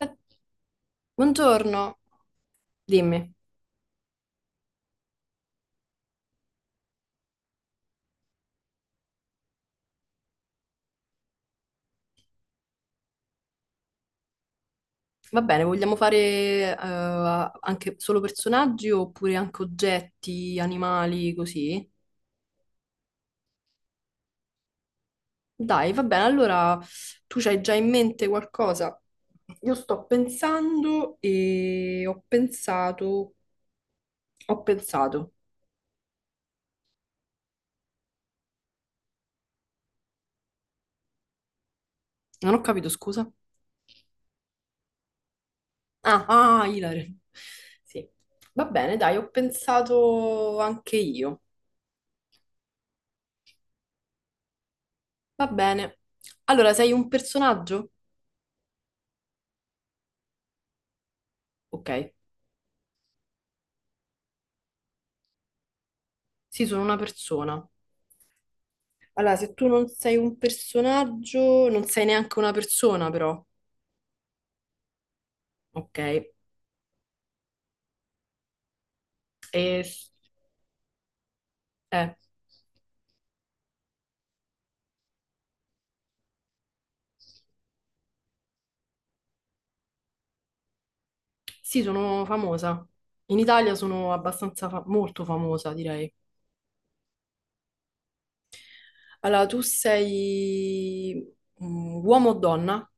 Eh, Buongiorno, dimmi. Va bene, vogliamo fare anche solo personaggi oppure anche oggetti, animali, così? Dai, va bene, allora tu c'hai già in mente qualcosa? Io sto pensando e ho pensato. Non ho capito, scusa. Ah, ah, Ilare. Sì, va bene, dai, ho pensato anche io. Va bene. Allora, sei un personaggio? Ok. Sì, sono una persona. Allora, se tu non sei un personaggio, non sei neanche una persona, però. Ok. E, s- eh, sì, sono famosa. In Italia sono abbastanza molto famosa, direi. Allora, tu sei uomo o donna?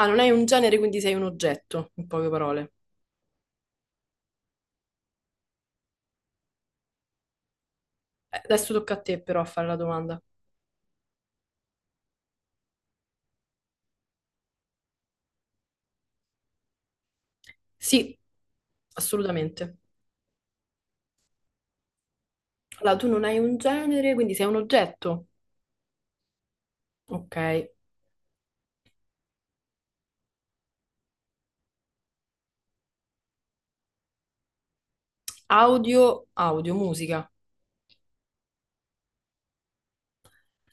Ah, non hai un genere, quindi sei un oggetto, in poche parole. Adesso tocca a te però a fare la domanda. Sì, assolutamente. Allora, tu non hai un genere, quindi sei un oggetto. Ok. Audio, audio, musica.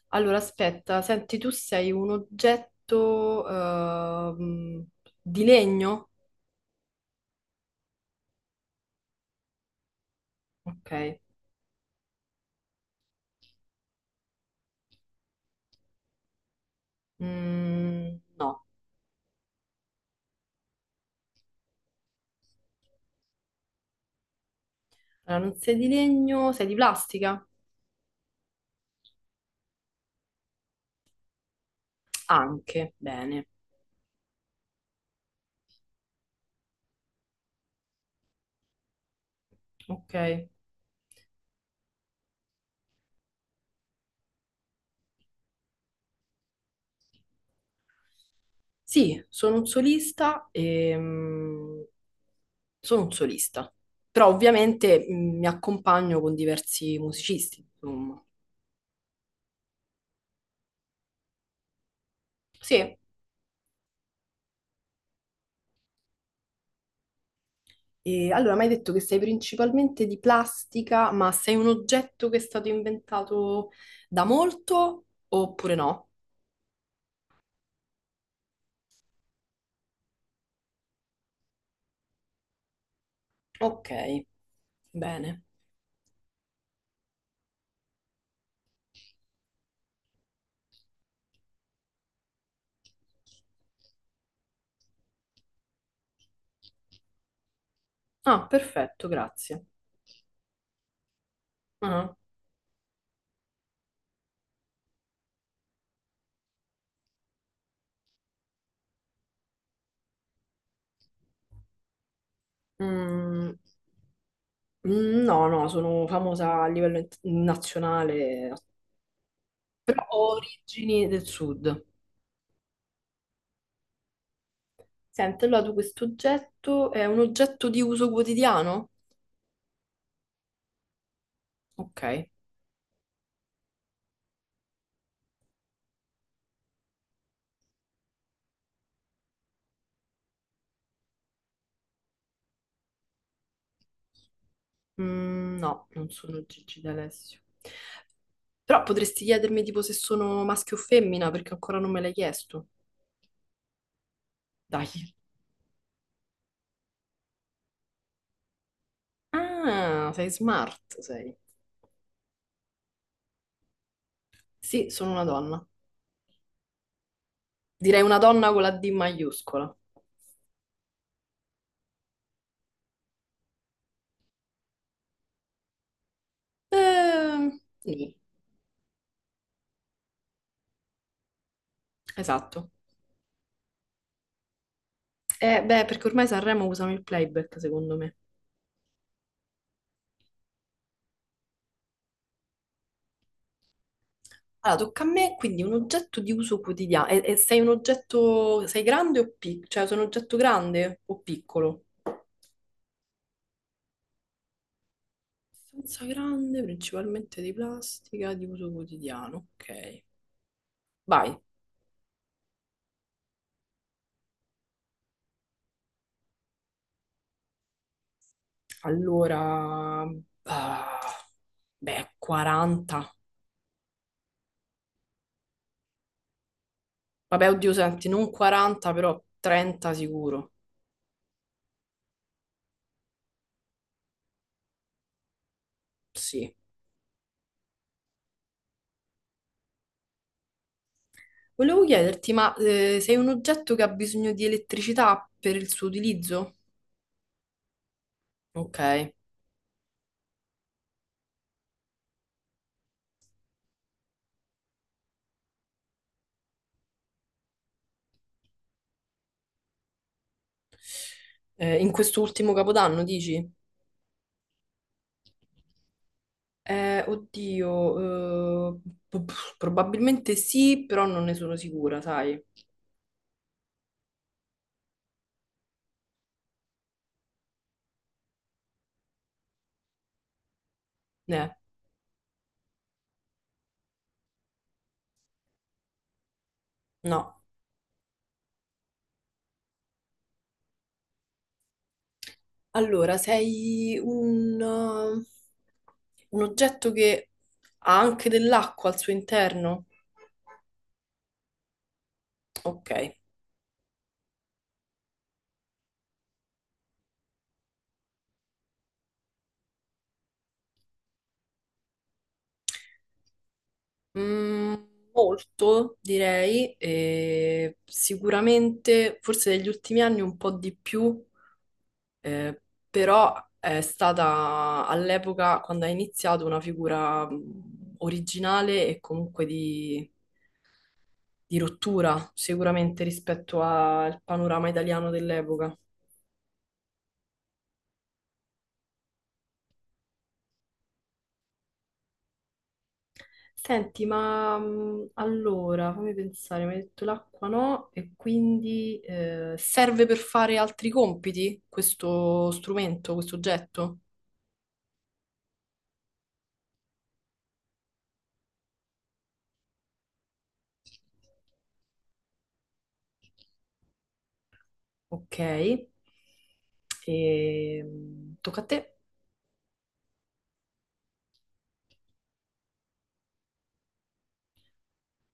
Allora, aspetta, senti, tu sei un oggetto di legno? Ok. Mm, no, allora, non sei di legno, sei di plastica? Anche, bene. Ok. Sì, sono un solista e sono un solista, però ovviamente mi accompagno con diversi musicisti, insomma. Sì, e allora, mi hai detto che sei principalmente di plastica, ma sei un oggetto che è stato inventato da molto oppure no? Ok, bene. Ah, perfetto, grazie. Ah, mm, mm, no, no, sono famosa a livello nazionale, origini del sud. Senti, allora tu questo oggetto è un oggetto di uso quotidiano? Ok. Mm, no, non sono Gigi D'Alessio. Però potresti chiedermi tipo se sono maschio o femmina, perché ancora non me l'hai chiesto. Dai. Ah, sei smart, sei. Sì, sono una donna. Direi una donna con la D maiuscola. Ehm, nì, esatto. Beh, perché ormai Sanremo usano il playback, secondo me. Allora, tocca a me, quindi un oggetto di uso quotidiano. E sei un oggetto... Sei grande o piccolo? Cioè, sei un oggetto grande o piccolo? Abbastanza grande, principalmente di plastica, di uso quotidiano. Ok. Vai. Allora, ah, beh, 40 anni. Vabbè, oddio, senti, non 40, però 30 sicuro. Sì. Volevo chiederti, ma sei un oggetto che ha bisogno di elettricità per il suo utilizzo? Ok. In quest'ultimo capodanno, dici? Oddio, probabilmente sì, però non ne sono sicura, sai? Eh, no. Allora, sei un oggetto che ha anche dell'acqua al suo interno? Ok. Mm, molto, direi, e sicuramente, forse negli ultimi anni un po' di più, eh, però è stata all'epoca, quando ha iniziato, una figura originale e comunque di rottura, sicuramente rispetto al panorama italiano dell'epoca. Senti, ma allora fammi pensare, mi hai detto l'acqua no, e quindi serve per fare altri compiti questo strumento, questo oggetto? Ok, e, tocca a te.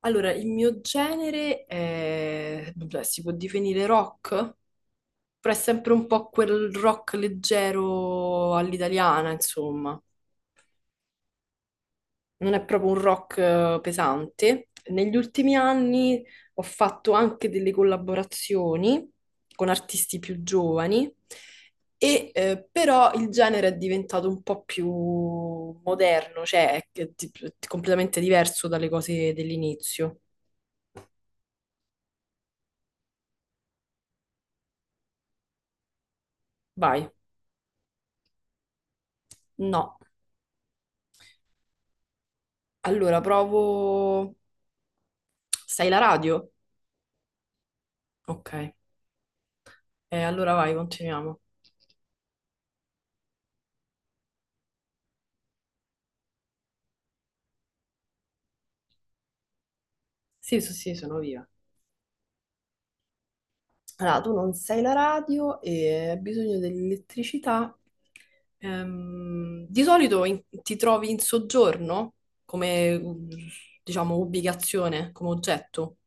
Allora, il mio genere è, beh, si può definire rock, però è sempre un po' quel rock leggero all'italiana, insomma. Non è proprio un rock pesante. Negli ultimi anni ho fatto anche delle collaborazioni con artisti più giovani, e, però il genere è diventato un po' più moderno, completamente diverso dalle cose dell'inizio. Vai, no. Allora provo... Stai la radio? Ok, eh, allora vai, continuiamo. Sì, sì, sì, sono viva. Allora, tu non sai la radio e hai bisogno dell'elettricità. Di solito ti trovi in soggiorno come, diciamo, ubicazione, come oggetto.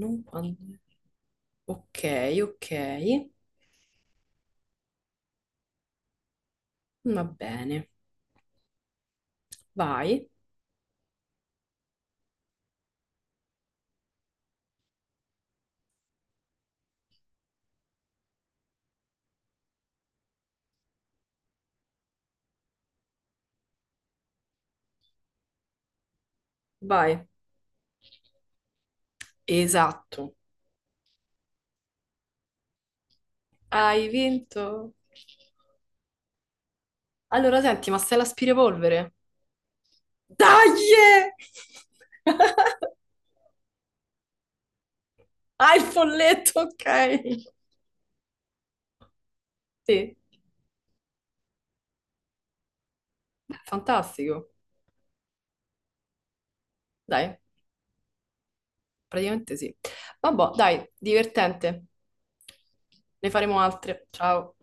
Non quando- Ok, ok. Va bene. Vai, vai. Esatto. Hai vinto. Allora, senti, ma sei l'aspirapolvere? Dai! Hai il folletto, ok. Sì. Fantastico. Dai, praticamente sì. Vabbè, dai, divertente. Ne faremo altre. Ciao.